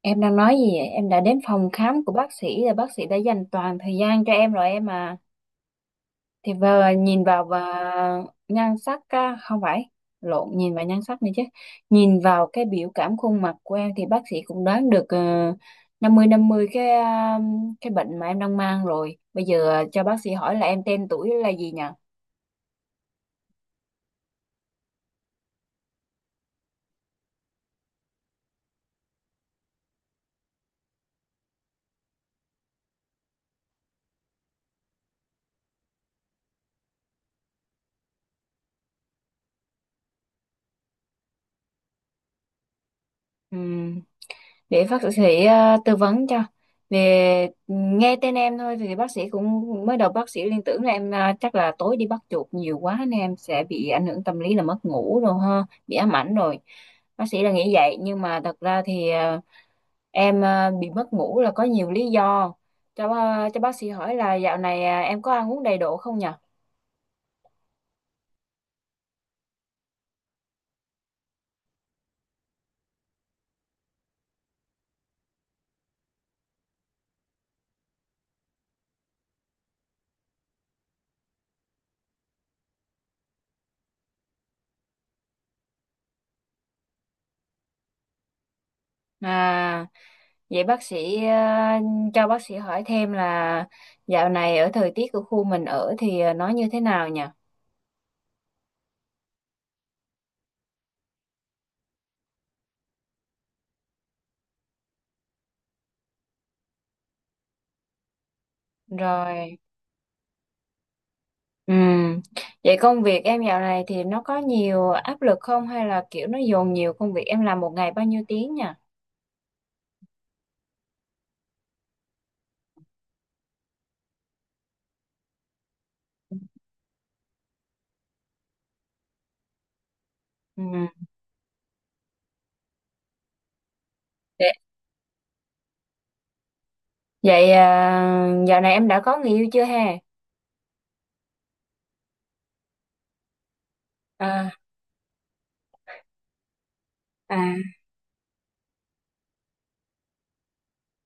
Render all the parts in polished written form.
Em đang nói gì vậy? Em đã đến phòng khám của bác sĩ rồi, bác sĩ đã dành toàn thời gian cho em rồi em à. Thì vờ nhìn vào và nhan sắc á, không phải lộn nhìn vào nhan sắc nữa chứ. Nhìn vào cái biểu cảm khuôn mặt của em thì bác sĩ cũng đoán được năm mươi cái bệnh mà em đang mang rồi. Bây giờ cho bác sĩ hỏi là em tên tuổi là gì nhỉ? Để bác sĩ tư vấn cho, về nghe tên em thôi thì bác sĩ cũng mới đầu bác sĩ liên tưởng là em chắc là tối đi bắt chuột nhiều quá nên em sẽ bị ảnh hưởng tâm lý là mất ngủ rồi ha, bị ám ảnh rồi. Bác sĩ là nghĩ vậy nhưng mà thật ra thì em bị mất ngủ là có nhiều lý do. Cho bác sĩ hỏi là dạo này em có ăn uống đầy đủ không nhỉ? à vậy bác sĩ cho bác sĩ hỏi thêm là dạo này ở thời tiết của khu mình ở thì nó như thế nào nhỉ? Rồi, ừm. Vậy công việc em dạo này thì nó có nhiều áp lực không hay là kiểu nó dồn nhiều công việc, em làm một ngày bao nhiêu tiếng nhỉ? Ừm. Vậy vậy à, dạo này em đã có người yêu chưa ha? À, à.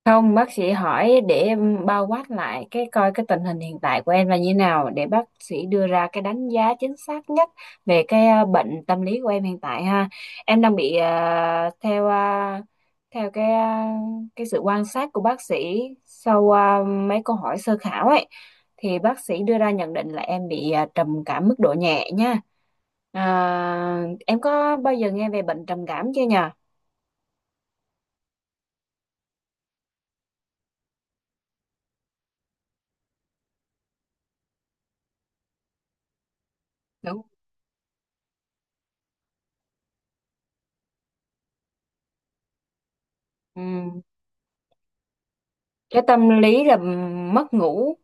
Không, bác sĩ hỏi để em bao quát lại cái coi cái tình hình hiện tại của em là như nào để bác sĩ đưa ra cái đánh giá chính xác nhất về cái bệnh tâm lý của em hiện tại ha. Em đang bị theo theo cái sự quan sát của bác sĩ sau mấy câu hỏi sơ khảo ấy thì bác sĩ đưa ra nhận định là em bị trầm cảm mức độ nhẹ nha. À, em có bao giờ nghe về bệnh trầm cảm chưa nhờ? Đúng. Ừm. Cái tâm lý là mất ngủ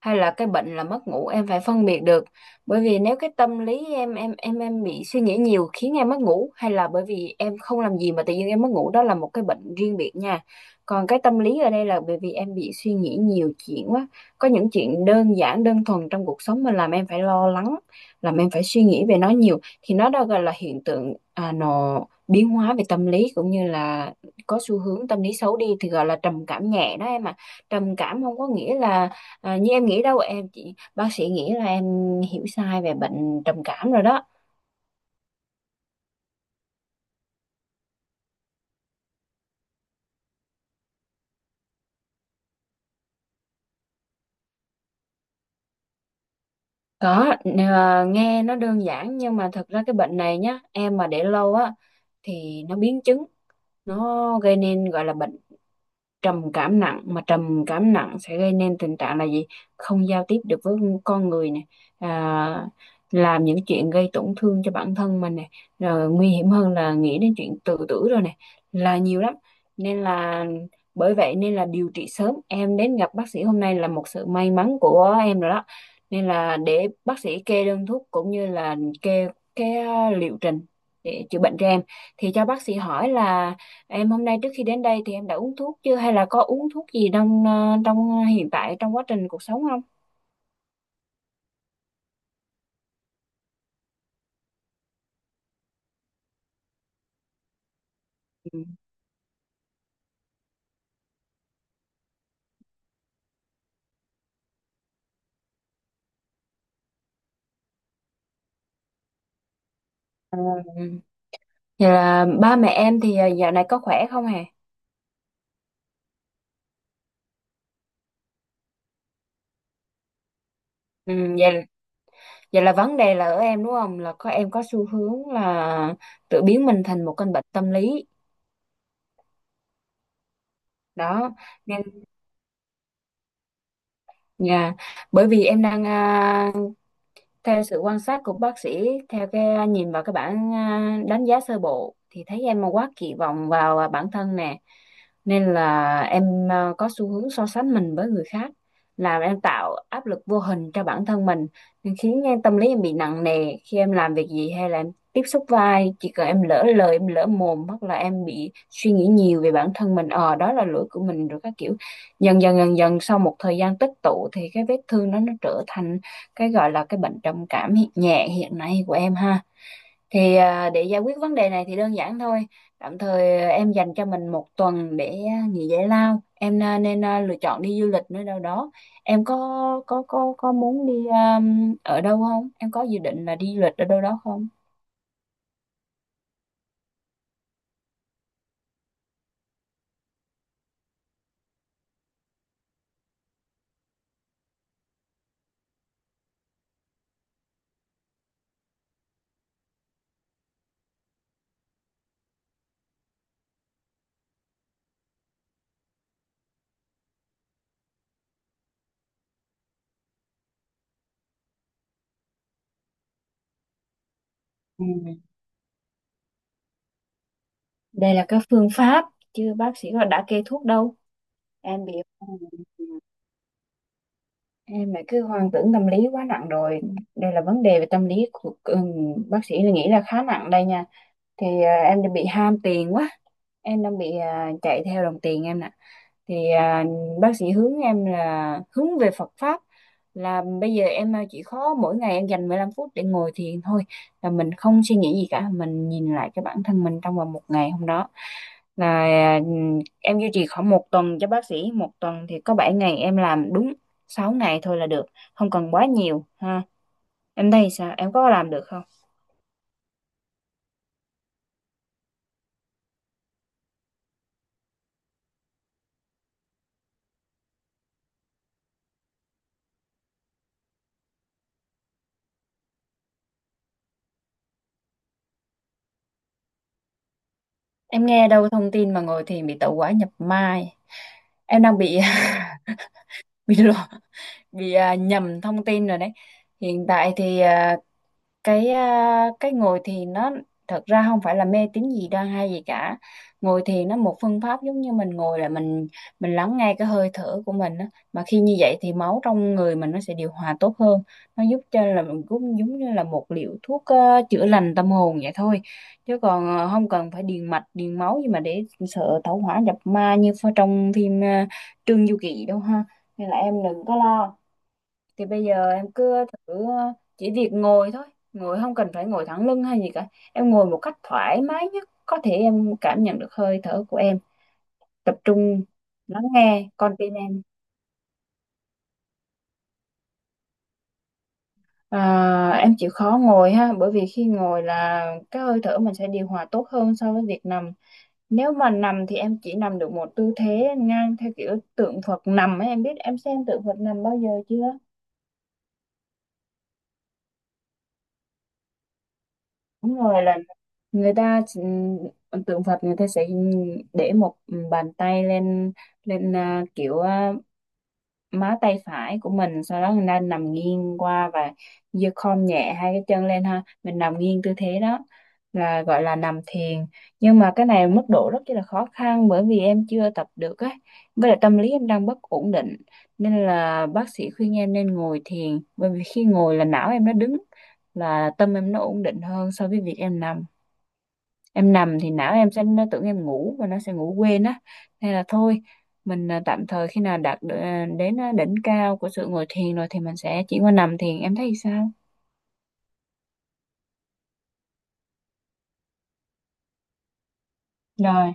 hay là cái bệnh là mất ngủ em phải phân biệt được, bởi vì nếu cái tâm lý em bị suy nghĩ nhiều khiến em mất ngủ, hay là bởi vì em không làm gì mà tự nhiên em mất ngủ, đó là một cái bệnh riêng biệt nha. Còn cái tâm lý ở đây là bởi vì em bị suy nghĩ nhiều chuyện quá, có những chuyện đơn giản đơn thuần trong cuộc sống mà làm em phải lo lắng, làm em phải suy nghĩ về nó nhiều thì nó đó gọi là hiện tượng, nó biến hóa về tâm lý cũng như là có xu hướng tâm lý xấu đi thì gọi là trầm cảm nhẹ đó em ạ. Trầm cảm không có nghĩa là À, như em nghĩ đâu em, chị bác sĩ nghĩ là em hiểu sai về bệnh trầm cảm rồi đó. Có, nghe nó đơn giản nhưng mà thật ra cái bệnh này nhá em, mà để lâu á thì nó biến chứng, nó gây nên gọi là bệnh trầm cảm nặng. Mà trầm cảm nặng sẽ gây nên tình trạng là gì: không giao tiếp được với con người nè à, làm những chuyện gây tổn thương cho bản thân mình nè, rồi nguy hiểm hơn là nghĩ đến chuyện tự tử rồi nè, là nhiều lắm. Nên là bởi vậy nên là điều trị sớm, em đến gặp bác sĩ hôm nay là một sự may mắn của em rồi đó. Nên là để bác sĩ kê đơn thuốc cũng như là kê cái liệu trình để chữa bệnh cho em. Thì cho bác sĩ hỏi là em hôm nay trước khi đến đây thì em đã uống thuốc chưa, hay là có uống thuốc gì đang trong hiện tại, trong quá trình cuộc sống không? Ừ. Ừ. Vậy là ba mẹ em thì dạo này có khỏe không hề? Ừ, vậy, vậy là vấn đề là ở em đúng không? Là có, em có xu hướng là tự biến mình thành một căn bệnh tâm lý đó, nên nhà, bởi vì em đang, theo sự quan sát của bác sĩ, theo cái nhìn vào cái bản đánh giá sơ bộ thì thấy em quá kỳ vọng vào bản thân nè, nên là em có xu hướng so sánh mình với người khác, làm em tạo áp lực vô hình cho bản thân mình, nên khiến em tâm lý em bị nặng nề khi em làm việc gì hay là em tiếp xúc với ai, chỉ cần em lỡ lời em lỡ mồm hoặc là em bị suy nghĩ nhiều về bản thân mình, đó là lỗi của mình rồi các kiểu. Dần dần sau một thời gian tích tụ thì cái vết thương đó nó trở thành cái gọi là cái bệnh trầm cảm hiện nhẹ hiện nay của em ha. Thì để giải quyết vấn đề này thì đơn giản thôi, tạm thời em dành cho mình một tuần để nghỉ giải lao, em nên lựa chọn đi du lịch nơi đâu đó. Em có muốn đi ở đâu không, em có dự định là đi du lịch ở đâu đó không? Ừ. Đây là cái phương pháp chứ bác sĩ họ đã kê thuốc đâu, em bị em lại cứ hoang tưởng tâm lý quá nặng rồi. Đây là vấn đề về tâm lý của bác sĩ là nghĩ là khá nặng đây nha. Thì em đang bị ham tiền quá, em đang bị chạy theo đồng tiền em nè. Thì bác sĩ hướng em là hướng về Phật pháp, là bây giờ em chỉ có mỗi ngày em dành 15 phút để ngồi thiền thôi, là mình không suy nghĩ gì cả, mình nhìn lại cái bản thân mình trong vòng một ngày hôm đó. Là em duy trì khoảng một tuần cho bác sĩ, một tuần thì có 7 ngày, em làm đúng 6 ngày thôi là được, không cần quá nhiều ha. Em thấy sao, em có làm được không? Em nghe đâu thông tin mà ngồi thiền bị tẩu hỏa nhập mai. Em đang bị bị lộ, bị nhầm thông tin rồi đấy. Hiện tại thì cái ngồi thiền nó thật ra không phải là mê tín gì đoan hay gì cả. Ngồi thiền nó một phương pháp giống như mình ngồi, là mình lắng nghe cái hơi thở của mình á, mà khi như vậy thì máu trong người mình nó sẽ điều hòa tốt hơn. Nó giúp cho là mình cũng giống như là một liệu thuốc chữa lành tâm hồn vậy thôi, chứ còn không cần phải điền mạch điền máu gì mà để sợ tẩu hỏa nhập ma như trong phim Trương Du Kỳ đâu ha. Nên là em đừng có lo, thì bây giờ em cứ thử chỉ việc ngồi thôi, ngồi không cần phải ngồi thẳng lưng hay gì cả, em ngồi một cách thoải mái nhất có thể, em cảm nhận được hơi thở của em, tập trung lắng nghe con tim em. Em chịu khó ngồi ha, bởi vì khi ngồi là cái hơi thở mình sẽ điều hòa tốt hơn so với việc nằm. Nếu mà nằm thì em chỉ nằm được một tư thế ngang theo kiểu tượng Phật nằm ấy, em biết, em xem tượng Phật nằm bao giờ chưa? Đúng rồi, là người ta tượng Phật người ta sẽ để một bàn tay lên, lên kiểu má tay phải của mình, sau đó người ta nằm nghiêng qua và giơ khom nhẹ hai cái chân lên ha, mình nằm nghiêng tư thế đó là gọi là nằm thiền. Nhưng mà cái này mức độ rất là khó khăn bởi vì em chưa tập được ấy, với lại tâm lý em đang bất ổn định nên là bác sĩ khuyên em nên ngồi thiền, bởi vì khi ngồi là não em nó đứng, là tâm em nó ổn định hơn so với việc em nằm. Em nằm thì não em sẽ nó tưởng em ngủ và nó sẽ ngủ quên á, nên là thôi mình tạm thời khi nào đạt được, đến đỉnh cao của sự ngồi thiền rồi thì mình sẽ chuyển qua nằm thiền, em thấy sao? Rồi,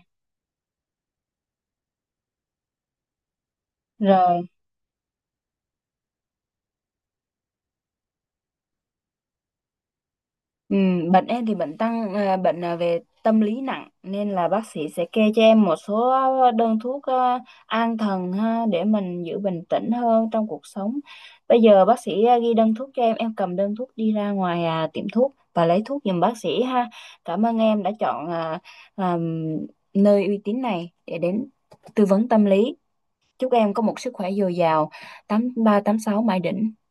rồi. Ừ, bệnh em thì bệnh về tâm lý nặng nên là bác sĩ sẽ kê cho em một số đơn thuốc an thần ha, để mình giữ bình tĩnh hơn trong cuộc sống. Bây giờ bác sĩ ghi đơn thuốc cho em cầm đơn thuốc đi ra ngoài tiệm thuốc và lấy thuốc giùm bác sĩ ha. Cảm ơn em đã chọn à, nơi uy tín này để đến tư vấn tâm lý. Chúc em có một sức khỏe dồi dào, 88386 mãi đỉnh.